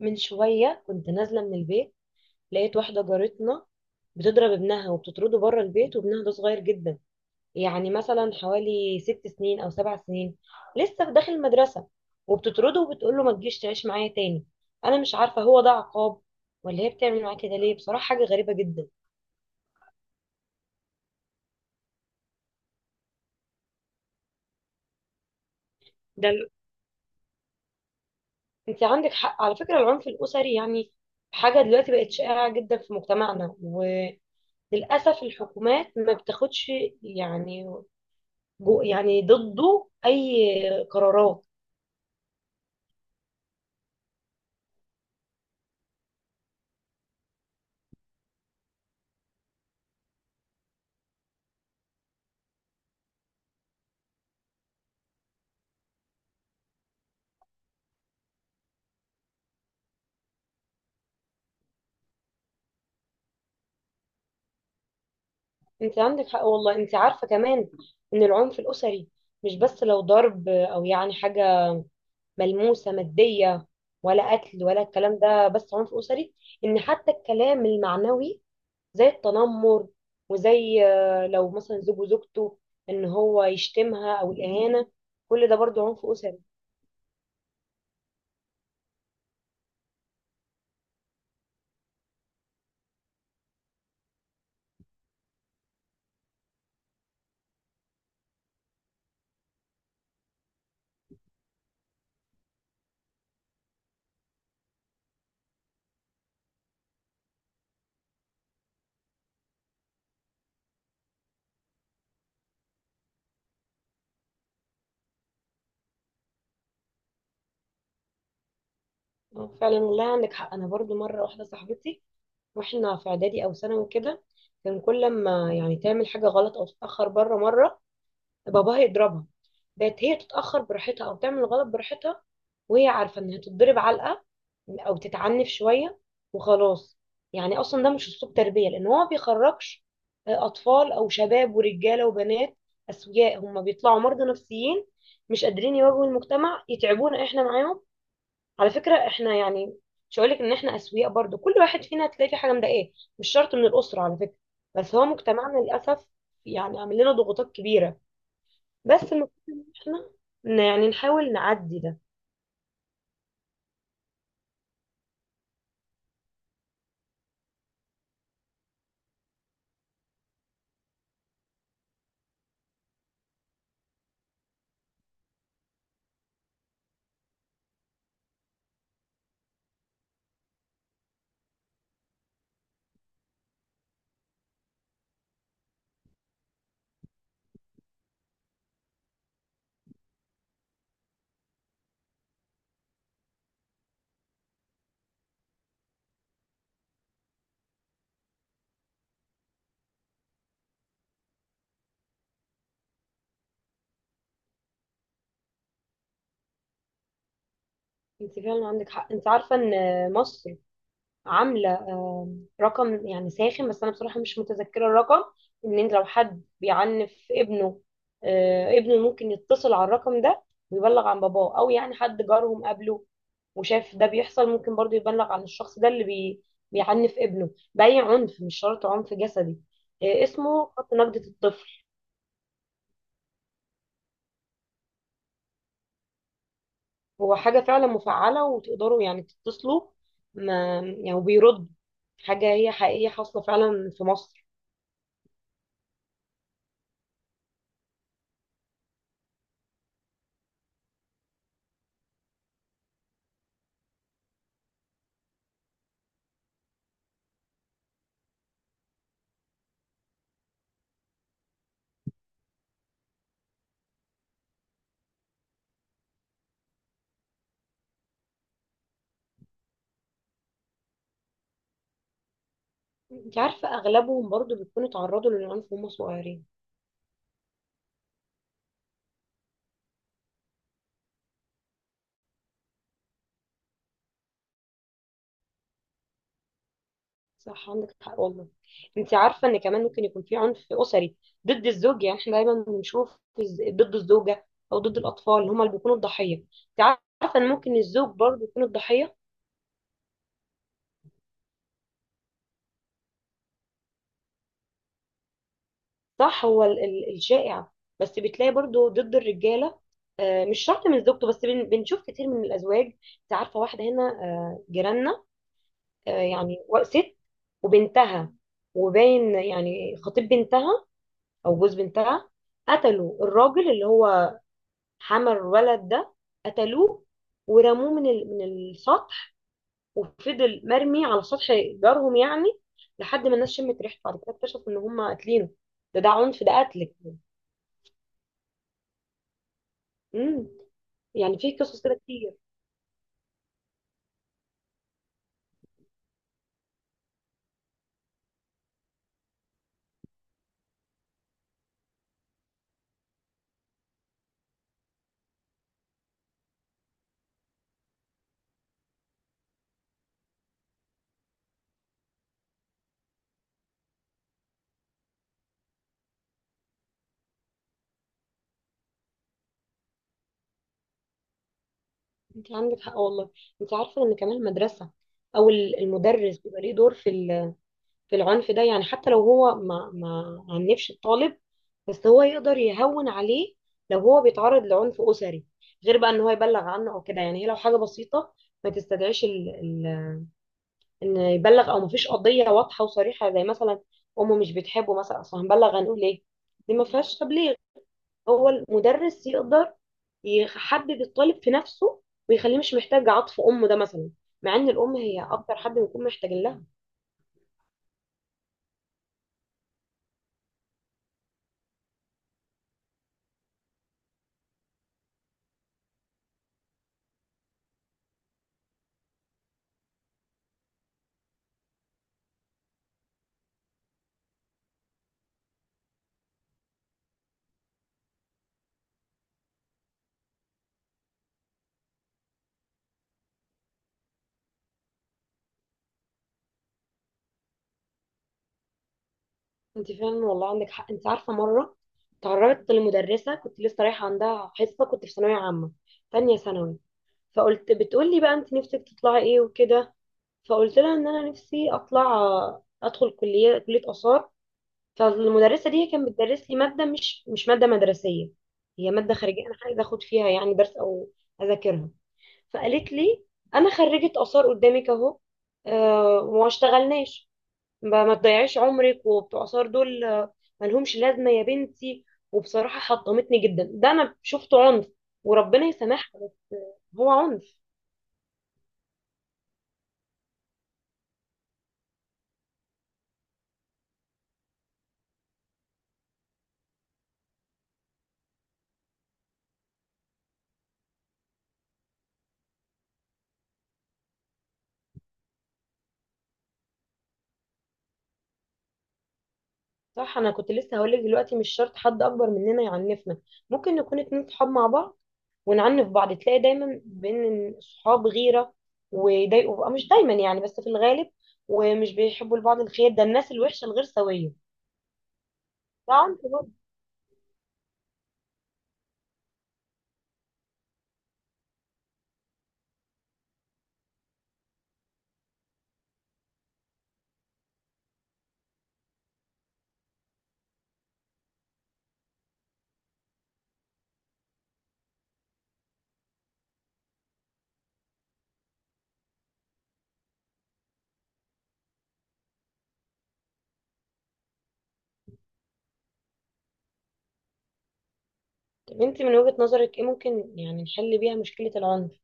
من شوية كنت نازلة من البيت، لقيت واحدة جارتنا بتضرب ابنها وبتطرده بره البيت، وابنها ده صغير جدا، يعني مثلا حوالي 6 سنين أو 7 سنين، لسه في داخل المدرسة، وبتطرده وبتقول له ما تجيش تعيش معايا تاني. أنا مش عارفة هو ده عقاب ولا هي بتعمل معاه كده ليه، بصراحة حاجة غريبة جدا. ده ال- أنت عندك حق على فكرة، العنف الأسري يعني حاجة دلوقتي بقت شائعة جدا في مجتمعنا، وللأسف الحكومات ما بتاخدش، يعني، جو يعني ضده اي قرارات. انت عندك حق والله، انت عارفه كمان ان العنف الاسري مش بس لو ضرب او يعني حاجه ملموسه ماديه، ولا قتل ولا الكلام ده، بس عنف اسري ان حتى الكلام المعنوي زي التنمر، وزي لو مثلا زوج وزوجته ان هو يشتمها او الاهانه، كل ده برضو عنف اسري. فعلا والله عندك حق. انا برضو مره واحده صاحبتي، واحنا في اعدادي او ثانوي كده، كان كل ما يعني تعمل حاجه غلط او تتاخر بره مره باباها يضربها. بقت هي تتاخر براحتها او تعمل غلط براحتها، وهي عارفه انها تتضرب علقه او تتعنف شويه وخلاص. يعني اصلا ده مش اسلوب تربيه، لان هو ما بيخرجش اطفال او شباب ورجاله وبنات اسوياء، هم بيطلعوا مرضى نفسيين، مش قادرين يواجهوا المجتمع، يتعبونا احنا معاهم. على فكرة احنا يعني مش هقولك ان احنا اسوياء، برضو كل واحد فينا هتلاقي فيه حاجة مضايقاه، مش شرط من الأسرة على فكرة. بس هو مجتمعنا للأسف يعني عامل لنا ضغوطات كبيرة. بس المفروض ان احنا يعني نحاول نعدي ده. انت فعلا عندك حق، انت عارفة ان مصر عامله رقم يعني ساخن، بس انا بصراحه مش متذكره الرقم. ان انت لو حد بيعنف ابنه، ابنه ممكن يتصل على الرقم ده ويبلغ عن باباه، او يعني حد جارهم قبله وشاف ده بيحصل ممكن برضو يبلغ عن الشخص ده اللي بيعنف ابنه بأي عنف، مش شرط عنف جسدي. اسمه خط نجدة الطفل. هو حاجة فعلا مفعلة وتقدروا يعني تتصلوا، ما يعني وبيرد، حاجة هي حقيقية حاصلة فعلا في مصر. انت عارفة اغلبهم برضو بيكونوا اتعرضوا للعنف وهم صغيرين. صح عندك حق والله. انت عارفة ان كمان ممكن يكون في عنف اسري ضد الزوج، يعني احنا دايما بنشوف ضد الزوجة او ضد الاطفال اللي هم اللي بيكونوا الضحية. انت عارفة ان ممكن الزوج برضو يكون الضحية. صح، هو الشائع، بس بتلاقي برضو ضد الرجالة، مش شرط من زوجته، بس بنشوف كتير من الازواج. انت عارفة واحدة هنا جيراننا، يعني ست وبنتها، وباين يعني خطيب بنتها او جوز بنتها، قتلوا الراجل اللي هو حمل الولد ده. قتلوه ورموه من من السطح، وفضل مرمي على سطح جارهم يعني لحد ما الناس شمت ريحته، بعد كده اكتشفوا ان هم قاتلينه. ده، ده عنف، ده قتل. امم يعني في قصص كده كتير. انت عندك حق والله. انت عارفه ان كمان المدرسه، او المدرس بيبقى ليه دور في في العنف ده، يعني حتى لو هو ما عنفش الطالب، بس هو يقدر يهون عليه لو هو بيتعرض لعنف أسري، غير بقى ان هو يبلغ عنه او كده. يعني هي لو حاجة بسيطة ما تستدعيش ان يبلغ، او مفيش قضية واضحة وصريحة زي مثلا امه مش بتحبه مثلا، اصل هنبلغ هنقول ايه؟ دي ما فيهاش تبليغ. هو المدرس يقدر يحبب الطالب في نفسه، ويخليه مش محتاج عطف امه ده مثلا، مع ان الام هي اكتر حد بيكون محتاج لها. انت فعلا والله عندك حق. انت عارفه مره تعرضت لمدرسه كنت لسه رايحه عندها حصه، كنت في ثانويه عامه تانية ثانوي، فقلت، بتقول لي بقى انت نفسك تطلعي ايه وكده، فقلت لها ان انا نفسي اطلع ادخل كليه، كليه اثار. فالمدرسه دي هي كانت بتدرس لي ماده مش ماده مدرسيه، هي ماده خارجيه انا عايزه اخد فيها يعني درس او اذاكرها. فقالت لي انا خريجه اثار قدامك اهو، آه وما اشتغلناش، ما تضيعيش عمرك وبتوع آثار دول ملهمش لازمة يا بنتي. وبصراحة حطمتني جدا، ده أنا شفته عنف وربنا يسامحها، بس هو عنف. صح، أنا كنت لسه هقولك دلوقتي مش شرط حد أكبر مننا يعنفنا، ممكن نكون اتنين صحاب مع بعض ونعنف بعض. تلاقي دايما بين الصحاب غيرة ويضايقوا بقى، مش دايما يعني، بس في الغالب، ومش بيحبوا لبعض الخير. ده الناس الوحشة الغير سوية، ده عنف برضه. طب انت من وجهة نظرك ايه ممكن يعني نحل بيها مشكلة العنف؟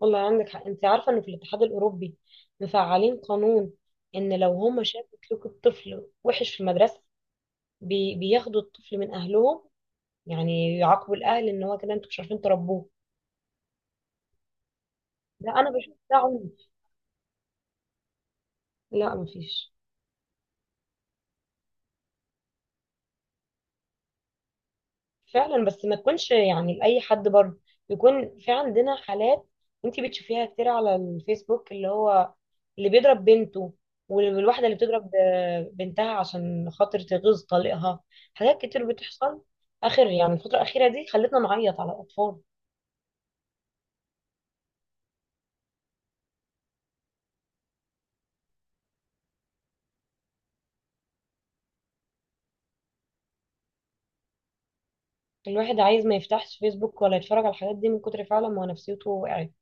والله عندك حق. انت عارفه انه في الاتحاد الاوروبي مفعلين قانون ان لو هم شافوا سلوك الطفل وحش في المدرسه، بياخدوا الطفل من اهلهم، يعني يعاقبوا الاهل، ان هو كده انتوا مش عارفين تربوه. لا انا بشوف ده عنف. لا مفيش. فعلا، بس ما تكونش يعني لأي حد برضه، يكون في عندنا حالات انت بتشوفيها كتير على الفيسبوك، اللي هو اللي بيضرب بنته، والواحدة اللي بتضرب بنتها عشان خاطر تغيظ طليقها. حاجات كتير بتحصل. آخر يعني الفترة الأخيرة دي خلتنا نعيط على الأطفال. الواحد عايز ما يفتحش فيسبوك ولا يتفرج على الحاجات دي من كتر فعلا ما نفسيته وقعت.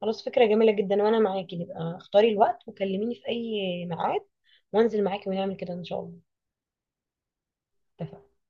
خلاص فكرة جميلة جدا وأنا معاكي، نبقى اختاري الوقت وكلميني في أي ميعاد وانزل معاكي ونعمل كده إن شاء الله. اتفقنا.